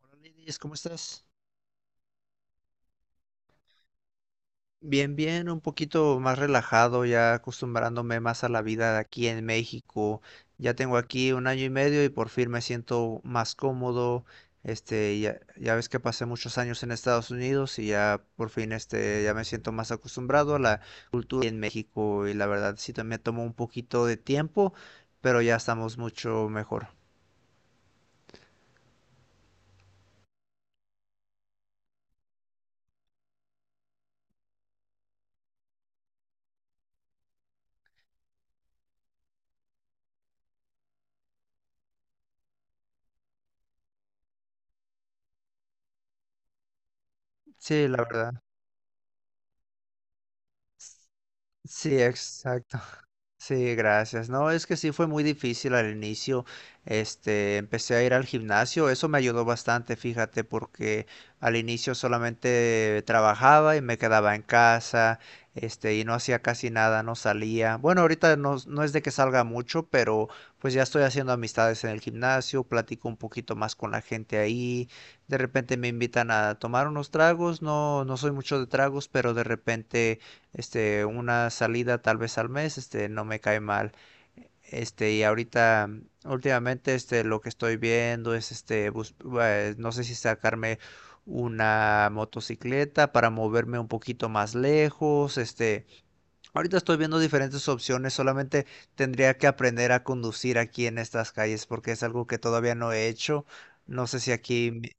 Hola Lidis, ¿cómo estás? Bien, bien, un poquito más relajado, ya acostumbrándome más a la vida de aquí en México. Ya tengo aquí un año y medio y por fin me siento más cómodo. Ya ves que pasé muchos años en Estados Unidos y ya por fin ya me siento más acostumbrado a la cultura en México, y la verdad sí también tomó un poquito de tiempo, pero ya estamos mucho mejor. Sí, la verdad. Sí, exacto. Sí, gracias. No, es que sí fue muy difícil al inicio. Este, empecé a ir al gimnasio. Eso me ayudó bastante, fíjate, porque al inicio solamente trabajaba y me quedaba en casa, y no hacía casi nada, no salía. Bueno, ahorita no, no es de que salga mucho, pero pues ya estoy haciendo amistades en el gimnasio, platico un poquito más con la gente ahí. De repente me invitan a tomar unos tragos. No, no soy mucho de tragos, pero de repente una salida tal vez al mes, no me cae mal. Y ahorita, últimamente, lo que estoy viendo es, no sé si sacarme una motocicleta para moverme un poquito más lejos. Ahorita estoy viendo diferentes opciones, solamente tendría que aprender a conducir aquí en estas calles porque es algo que todavía no he hecho. No sé si aquí,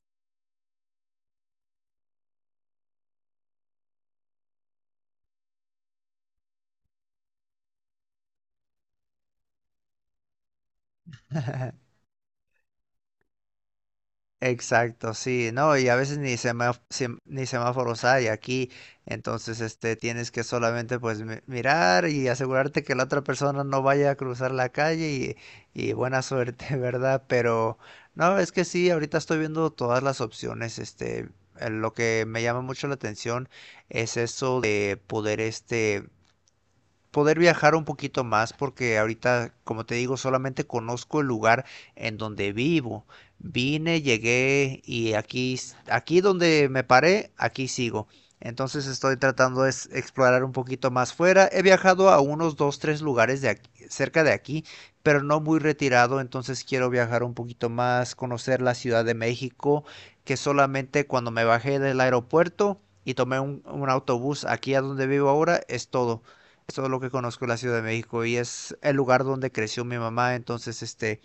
Exacto, sí, no, y a veces ni ni semáforos hay aquí, entonces tienes que solamente pues mirar y asegurarte que la otra persona no vaya a cruzar la calle y, buena suerte, ¿verdad? Pero no, es que sí, ahorita estoy viendo todas las opciones. Lo que me llama mucho la atención es eso de poder viajar un poquito más porque ahorita, como te digo, solamente conozco el lugar en donde vivo. Vine, llegué y aquí, aquí donde me paré, aquí sigo. Entonces estoy tratando de explorar un poquito más fuera. He viajado a unos dos, tres lugares cerca de aquí, pero no muy retirado. Entonces quiero viajar un poquito más, conocer la Ciudad de México, que solamente cuando me bajé del aeropuerto y tomé un autobús aquí a donde vivo ahora, es todo. Eso es lo que conozco de la Ciudad de México y es el lugar donde creció mi mamá, entonces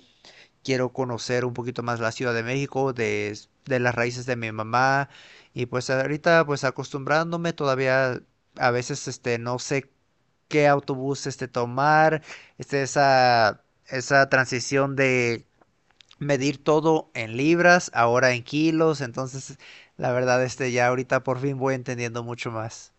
quiero conocer un poquito más la Ciudad de México, de las raíces de mi mamá. Y pues ahorita pues acostumbrándome todavía, a veces no sé qué autobús tomar, esa transición de medir todo en libras, ahora en kilos. Entonces la verdad ya ahorita por fin voy entendiendo mucho más.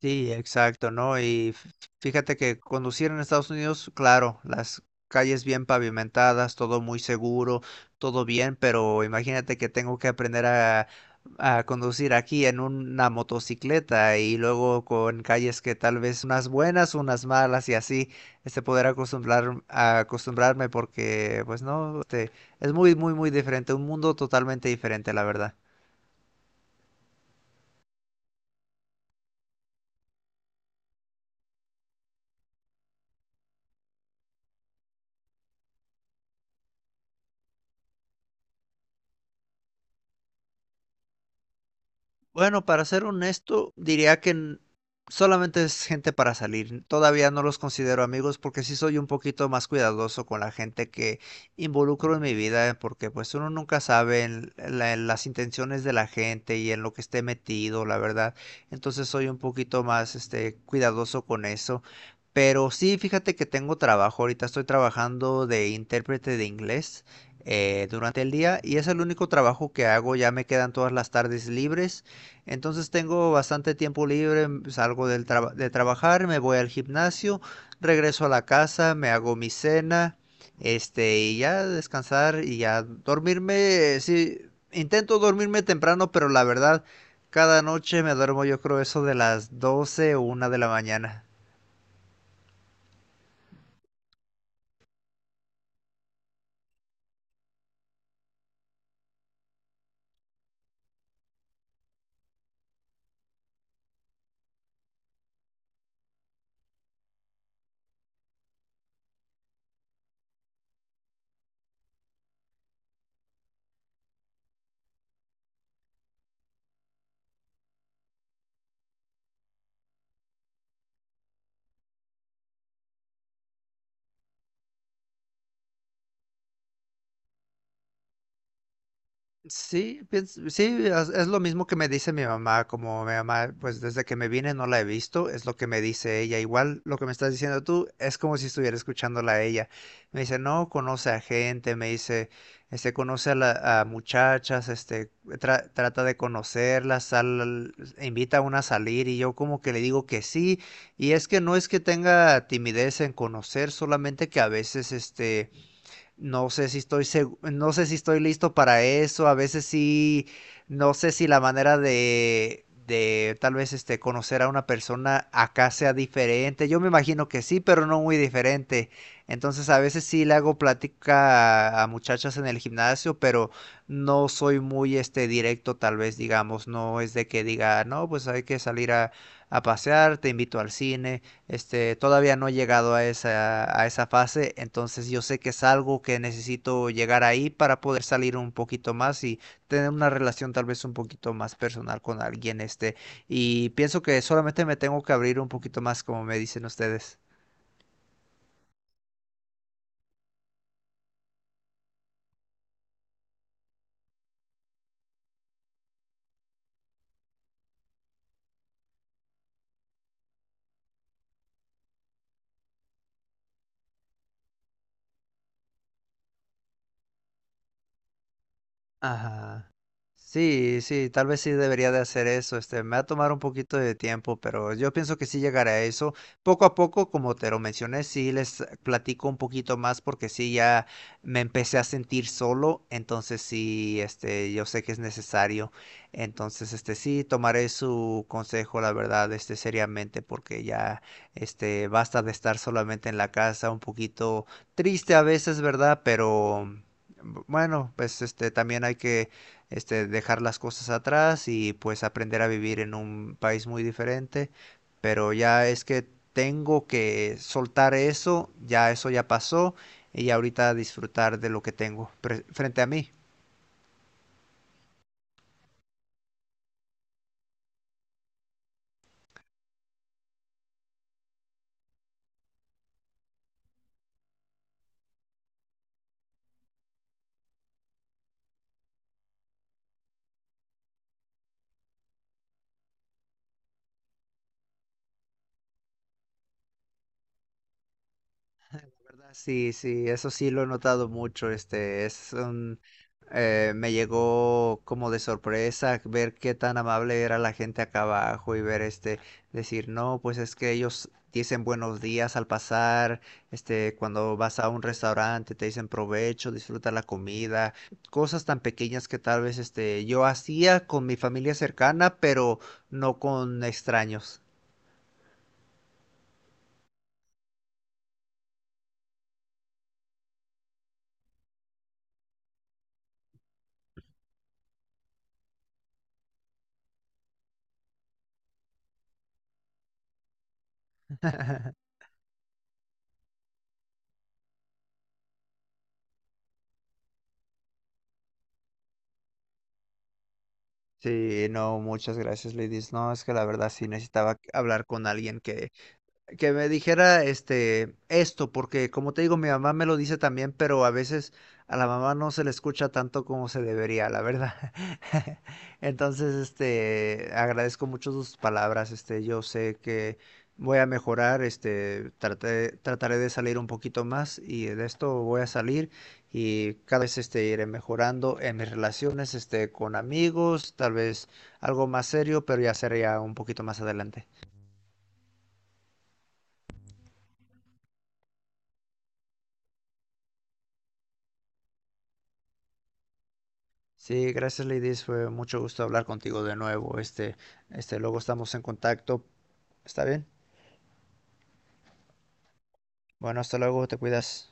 Sí, exacto, ¿no? Fíjate que conducir en Estados Unidos, claro, las calles bien pavimentadas, todo muy seguro, todo bien, pero imagínate que tengo que aprender a, conducir aquí en una motocicleta, y luego con calles que tal vez unas buenas, unas malas y así, este poder acostumbrar, a acostumbrarme porque, pues no, es muy, muy, muy diferente, un mundo totalmente diferente, la verdad. Bueno, para ser honesto, diría que solamente es gente para salir. Todavía no los considero amigos porque sí soy un poquito más cuidadoso con la gente que involucro en mi vida, porque pues uno nunca sabe en las intenciones de la gente y en lo que esté metido, la verdad. Entonces soy un poquito más cuidadoso con eso. Pero sí, fíjate que tengo trabajo. Ahorita estoy trabajando de intérprete de inglés durante el día, y es el único trabajo que hago. Ya me quedan todas las tardes libres. Entonces tengo bastante tiempo libre, salgo de trabajar, me voy al gimnasio, regreso a la casa, me hago mi cena, y ya descansar y ya dormirme. Sí, intento dormirme temprano, pero la verdad, cada noche me duermo yo creo eso de las 12 o 1 de la mañana. Sí, sí, es lo mismo que me dice mi mamá. Como mi mamá, pues desde que me vine no la he visto, es lo que me dice ella. Igual lo que me estás diciendo tú es como si estuviera escuchándola a ella. Me dice, no, conoce a gente, me dice, conoce a, a muchachas, trata de conocerlas, sal, e invita a una a salir, y yo como que le digo que sí. Y es que no es que tenga timidez en conocer, solamente que a veces. No sé si estoy listo para eso. A veces sí, no sé si la manera de tal vez conocer a una persona acá sea diferente. Yo me imagino que sí, pero no muy diferente. Entonces a veces sí le hago plática a, muchachas en el gimnasio, pero no soy muy directo, tal vez digamos. No es de que diga, no, pues hay que salir a, pasear, te invito al cine. Todavía no he llegado a esa, fase, entonces yo sé que es algo que necesito llegar ahí para poder salir un poquito más y tener una relación tal vez un poquito más personal con alguien, y pienso que solamente me tengo que abrir un poquito más, como me dicen ustedes. Ajá. Sí, sí, tal vez sí debería de hacer eso. Me va a tomar un poquito de tiempo, pero yo pienso que sí llegaré a eso. Poco a poco, como te lo mencioné, sí les platico un poquito más porque sí ya me empecé a sentir solo, entonces sí, yo sé que es necesario. Entonces, sí tomaré su consejo, la verdad, seriamente, porque ya, basta de estar solamente en la casa, un poquito triste a veces, ¿verdad? Pero bueno, pues también hay que dejar las cosas atrás y pues aprender a vivir en un país muy diferente, pero ya es que tengo que soltar eso ya pasó, y ahorita disfrutar de lo que tengo frente a mí. ¿Verdad? Sí, sí, eso sí lo he notado mucho. Me llegó como de sorpresa ver qué tan amable era la gente acá abajo y ver, decir, no, pues es que ellos dicen buenos días al pasar, cuando vas a un restaurante te dicen provecho, disfruta la comida, cosas tan pequeñas que tal vez yo hacía con mi familia cercana, pero no con extraños. Sí, no, muchas gracias, Ladies. No, es que la verdad sí necesitaba hablar con alguien que, me dijera esto, porque como te digo, mi mamá me lo dice también, pero a veces a la mamá no se le escucha tanto como se debería, la verdad. Entonces, agradezco mucho sus palabras, yo sé que voy a mejorar, trataré de salir un poquito más y de esto voy a salir, y cada vez, iré mejorando en mis relaciones, con amigos, tal vez algo más serio, pero ya sería un poquito más adelante. Sí, gracias Ladies, fue mucho gusto hablar contigo de nuevo. Luego estamos en contacto. ¿Está bien? Bueno, hasta luego, te cuidas.